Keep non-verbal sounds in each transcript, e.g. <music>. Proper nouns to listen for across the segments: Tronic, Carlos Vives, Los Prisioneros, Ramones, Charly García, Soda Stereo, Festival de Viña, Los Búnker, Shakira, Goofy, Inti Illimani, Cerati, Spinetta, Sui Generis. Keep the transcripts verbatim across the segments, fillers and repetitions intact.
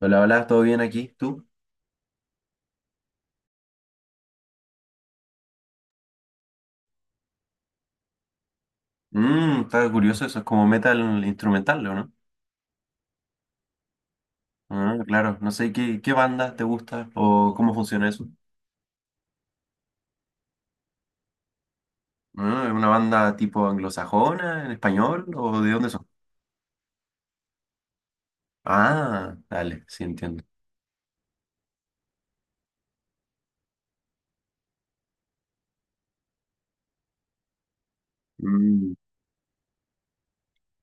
Hola, hola, ¿todo bien aquí? ¿Tú? Mmm, está curioso, eso es como metal instrumental, ¿o no? Ah, claro, no sé qué, qué banda te gusta o cómo funciona eso. Ah, ¿es una banda tipo anglosajona, en español o de dónde son? Ah, dale, sí entiendo. Mm.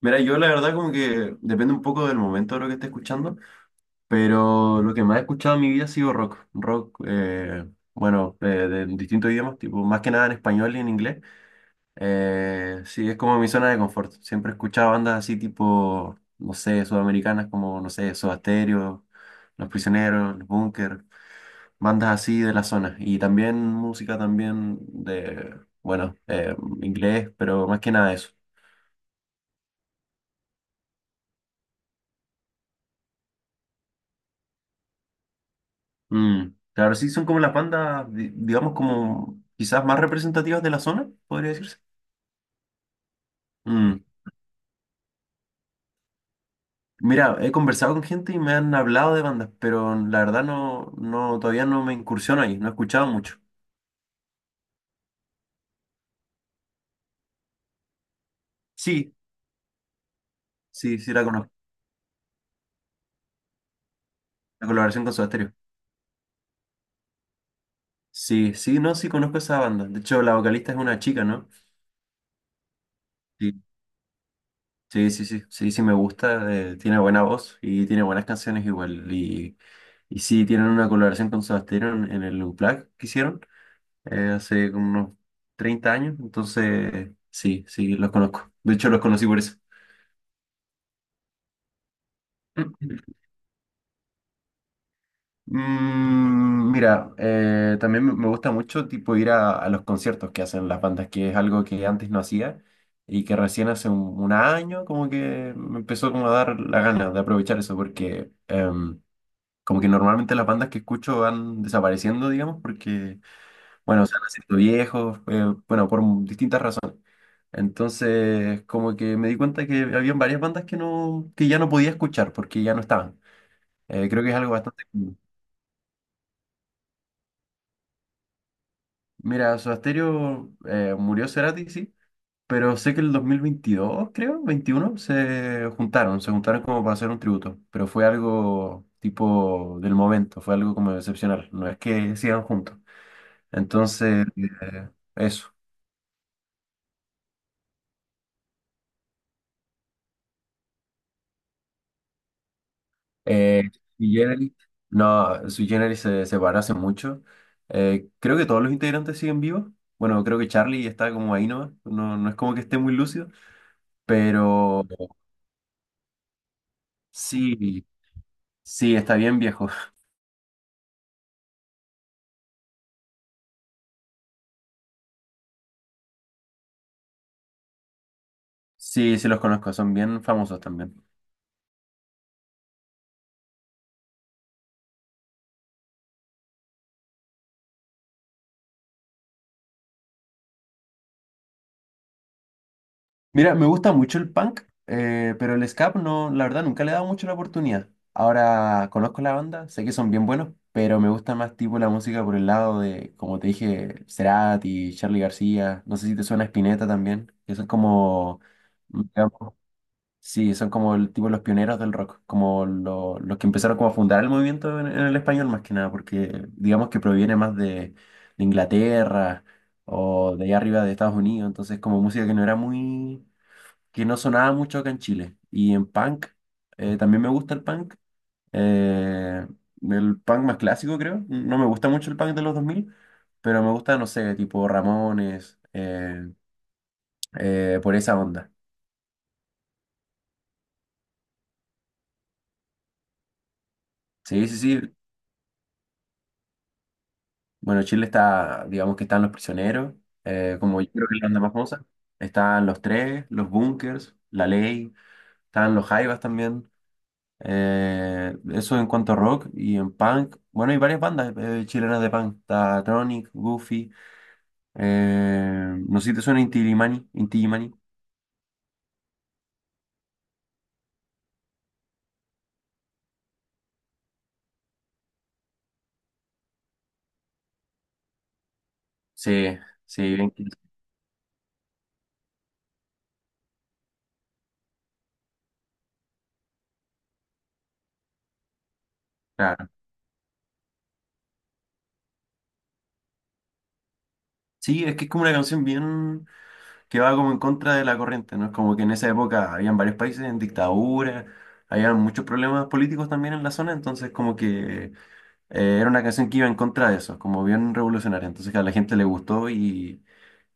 Mira, yo la verdad como que depende un poco del momento de lo que esté escuchando, pero lo que más he escuchado en mi vida ha sido rock, rock, eh, bueno, eh, de distintos idiomas, tipo más que nada en español y en inglés. Eh, sí, es como mi zona de confort. Siempre he escuchado bandas así tipo, no sé, sudamericanas como, no sé, Soda Stereo, Los Prisioneros, Los Búnker, bandas así de la zona. Y también música también de, bueno, eh, inglés, pero más que nada eso. Mm, Claro, sí, son como las bandas, di- digamos, como quizás más representativas de la zona, podría decirse. Mm, Mira, he conversado con gente y me han hablado de bandas, pero la verdad no, no, todavía no me incursiono ahí, no he escuchado mucho. Sí, sí, sí la conozco. La colaboración con Soda Stereo. Sí, sí, no, sí conozco esa banda. De hecho, la vocalista es una chica, ¿no? Sí, sí, sí, sí, sí, sí me gusta. eh, tiene buena voz y tiene buenas canciones igual. Y, y sí, tienen una colaboración con Soda Stereo en, en el Unplugged que hicieron eh, hace como unos treinta años. Entonces, sí, sí, los conozco. De hecho, los conocí por eso. <clears throat> Mm, mira, eh, también me me gusta mucho tipo ir a, a los conciertos que hacen las bandas, que es algo que antes no hacía y que recién hace un, un año como que me empezó como a dar la gana de aprovechar eso, porque em, como que normalmente las bandas que escucho van desapareciendo, digamos, porque, bueno, se van haciendo viejos, eh, bueno, por distintas razones. Entonces, como que me di cuenta que había varias bandas que no, que ya no podía escuchar porque ya no estaban. Eh, creo que es algo bastante común. Mira, Soda Stereo eh, murió Cerati, sí, pero sé que en el dos mil veintidós, creo, veintiuno se juntaron, se juntaron como para hacer un tributo, pero fue algo tipo del momento, fue algo como excepcional, no es que sigan juntos. Entonces, eh, eso. Eh, Sui Generis- no, Sui Generis se separó hace mucho. Eh, creo que todos los integrantes siguen vivos. Bueno, creo que Charlie está como ahí nomás, no, no es como que esté muy lúcido, pero sí, sí, está bien viejo. Sí, sí los conozco, son bien famosos también. Mira, me gusta mucho el punk, eh, pero el ska no, la verdad nunca le he dado mucho la oportunidad. Ahora conozco la banda, sé que son bien buenos, pero me gusta más tipo la música por el lado de, como te dije, Cerati, Charly García, no sé si te suena Spinetta también, que son como, digamos, sí, son como el tipo los pioneros del rock, como lo- los que empezaron como a fundar el movimiento en, en el español más que nada, porque digamos que proviene más de, de Inglaterra o de allá arriba de Estados Unidos, entonces como música que no era muy, que no sonaba mucho acá en Chile. Y en punk, eh, también me gusta el punk, eh, el punk más clásico creo, no me gusta mucho el punk de los dos mil, pero me gusta, no sé, tipo Ramones, eh, eh, por esa onda. Sí, sí, sí. Bueno, Chile está, digamos que están Los Prisioneros, eh, como yo creo que es la banda más famosa. Están Los Tres, Los Bunkers, La Ley, están Los Jaivas también. Eh, eso en cuanto a rock y en punk. Bueno, hay varias bandas eh, chilenas de punk. Está Tronic, Goofy. eh, no sé si te suena Inti Illimani. Inti Illimani. Sí, sí, bien. Claro. Sí, es que es como una canción bien, que va como en contra de la corriente, ¿no? Es como que en esa época habían varios países en dictadura, había muchos problemas políticos también en la zona, entonces como que eh, era una canción que iba en contra de eso, como bien revolucionaria. Entonces a la gente le gustó, y,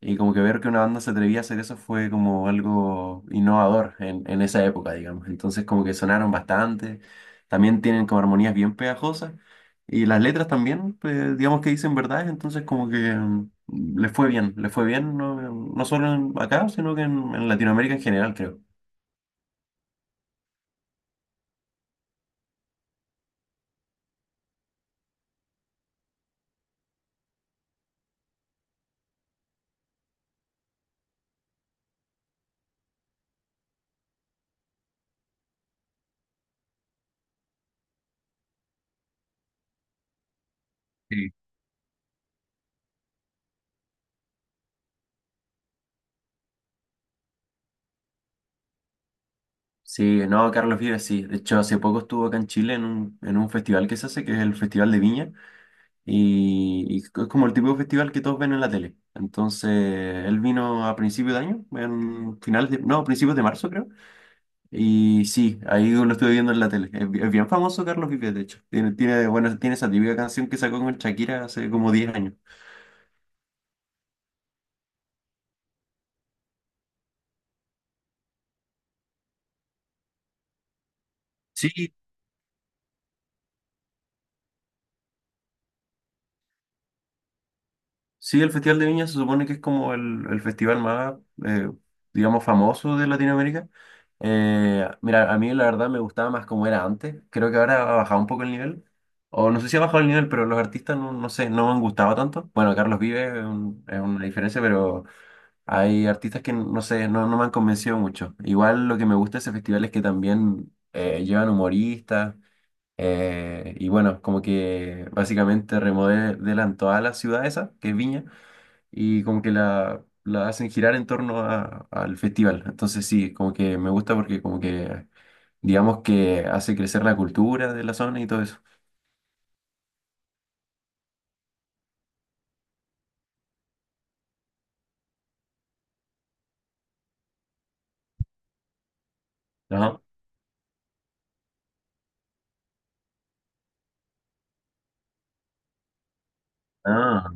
y como que ver que una banda se atrevía a hacer eso fue como algo innovador en, en esa época, digamos. Entonces como que sonaron bastante, también tienen como armonías bien pegajosas y las letras también, pues, digamos que dicen verdades, entonces como que mm, les fue bien, les fue bien no, no solo en- acá, sino que en, en Latinoamérica en general, creo. Sí. Sí, no, Carlos Vives sí. De hecho, hace poco estuvo acá en Chile en un, en un festival que se hace, que es el Festival de Viña. Y, y es como el tipo de festival que todos ven en la tele. Entonces, él vino a principios de año, en finales de, no, principios de marzo creo. Y sí, ahí lo estuve viendo en la tele. Es, bi- es bien famoso Carlos Vives, de hecho. Tiene, tiene, bueno, tiene esa típica canción que sacó con Shakira hace como diez años. Sí, sí, el Festival de Viña se supone que es como el, el festival más, eh, digamos, famoso de Latinoamérica. Eh, mira, a mí la verdad me gustaba más como era antes. Creo que ahora ha bajado un poco el nivel. O no sé si ha bajado el nivel, pero los artistas no, no sé, no me han gustado tanto. Bueno, Carlos Vives es, un- es una diferencia, pero hay artistas que no sé, no, no me han convencido mucho. Igual lo que me gusta de ese festival es que también eh, llevan humoristas. eh, y bueno, como que básicamente remodelan toda la ciudad esa, que es Viña y como que la, la hacen girar en torno a- al festival. Entonces sí, como que me gusta porque como que digamos que hace crecer la cultura de la zona y todo eso. Ajá. Ah,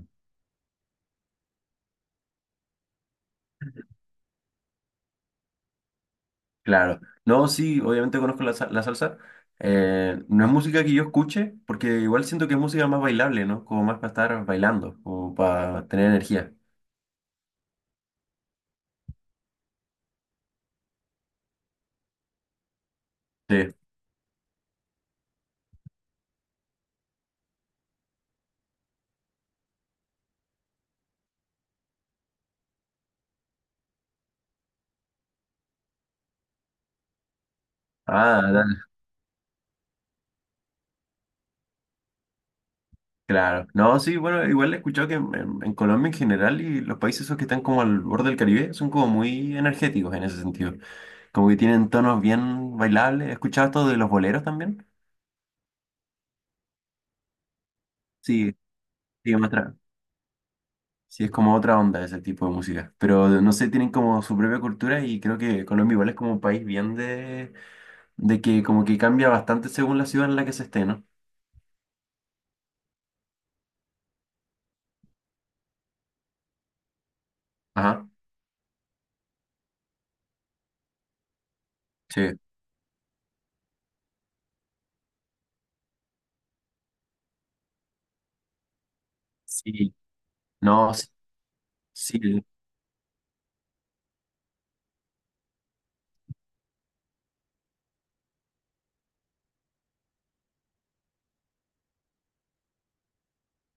claro. No, sí, obviamente conozco la, sa- la salsa. Eh, no es música que yo escuche, porque igual siento que es música más bailable, ¿no? Como más para estar bailando, como para tener energía. Sí. Ah, claro, no, sí, bueno, igual he escuchado que en, en- en Colombia en general y los países esos que están como al borde del Caribe son como muy energéticos en ese sentido, como que tienen tonos bien bailables. ¿He escuchado esto de los boleros también? Sí, sí, es otra- sí, es como otra onda ese tipo de música, pero no sé, tienen como su propia cultura y creo que Colombia igual es como un país bien de, de, que como que cambia bastante según la ciudad en la que se esté, ¿no? Ajá, sí, sí, no, sí, sí.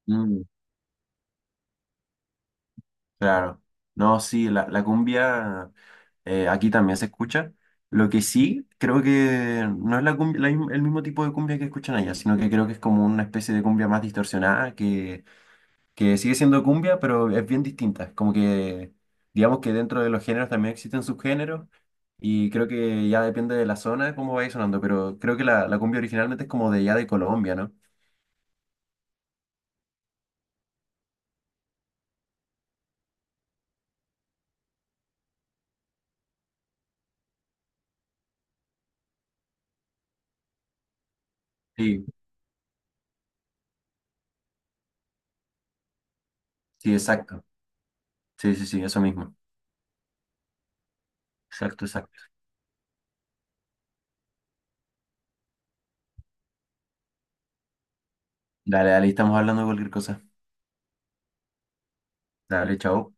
Mm. Claro. No, sí, la, la cumbia eh, aquí también se escucha. Lo que sí, creo que no es la cumbia- la misma- el mismo tipo de cumbia que escuchan allá, sino que creo que es como una especie de cumbia más distorsionada, que, que sigue siendo cumbia, pero es bien distinta. Es como que, digamos que dentro de los géneros también existen subgéneros, y creo que ya depende de la zona cómo vaya sonando, pero creo que la, la cumbia originalmente es como de ya de Colombia, ¿no? Sí, sí, exacto. Sí, sí, sí, eso mismo. Exacto, exacto. Dale, dale, ahí estamos hablando de cualquier cosa. Dale, chao.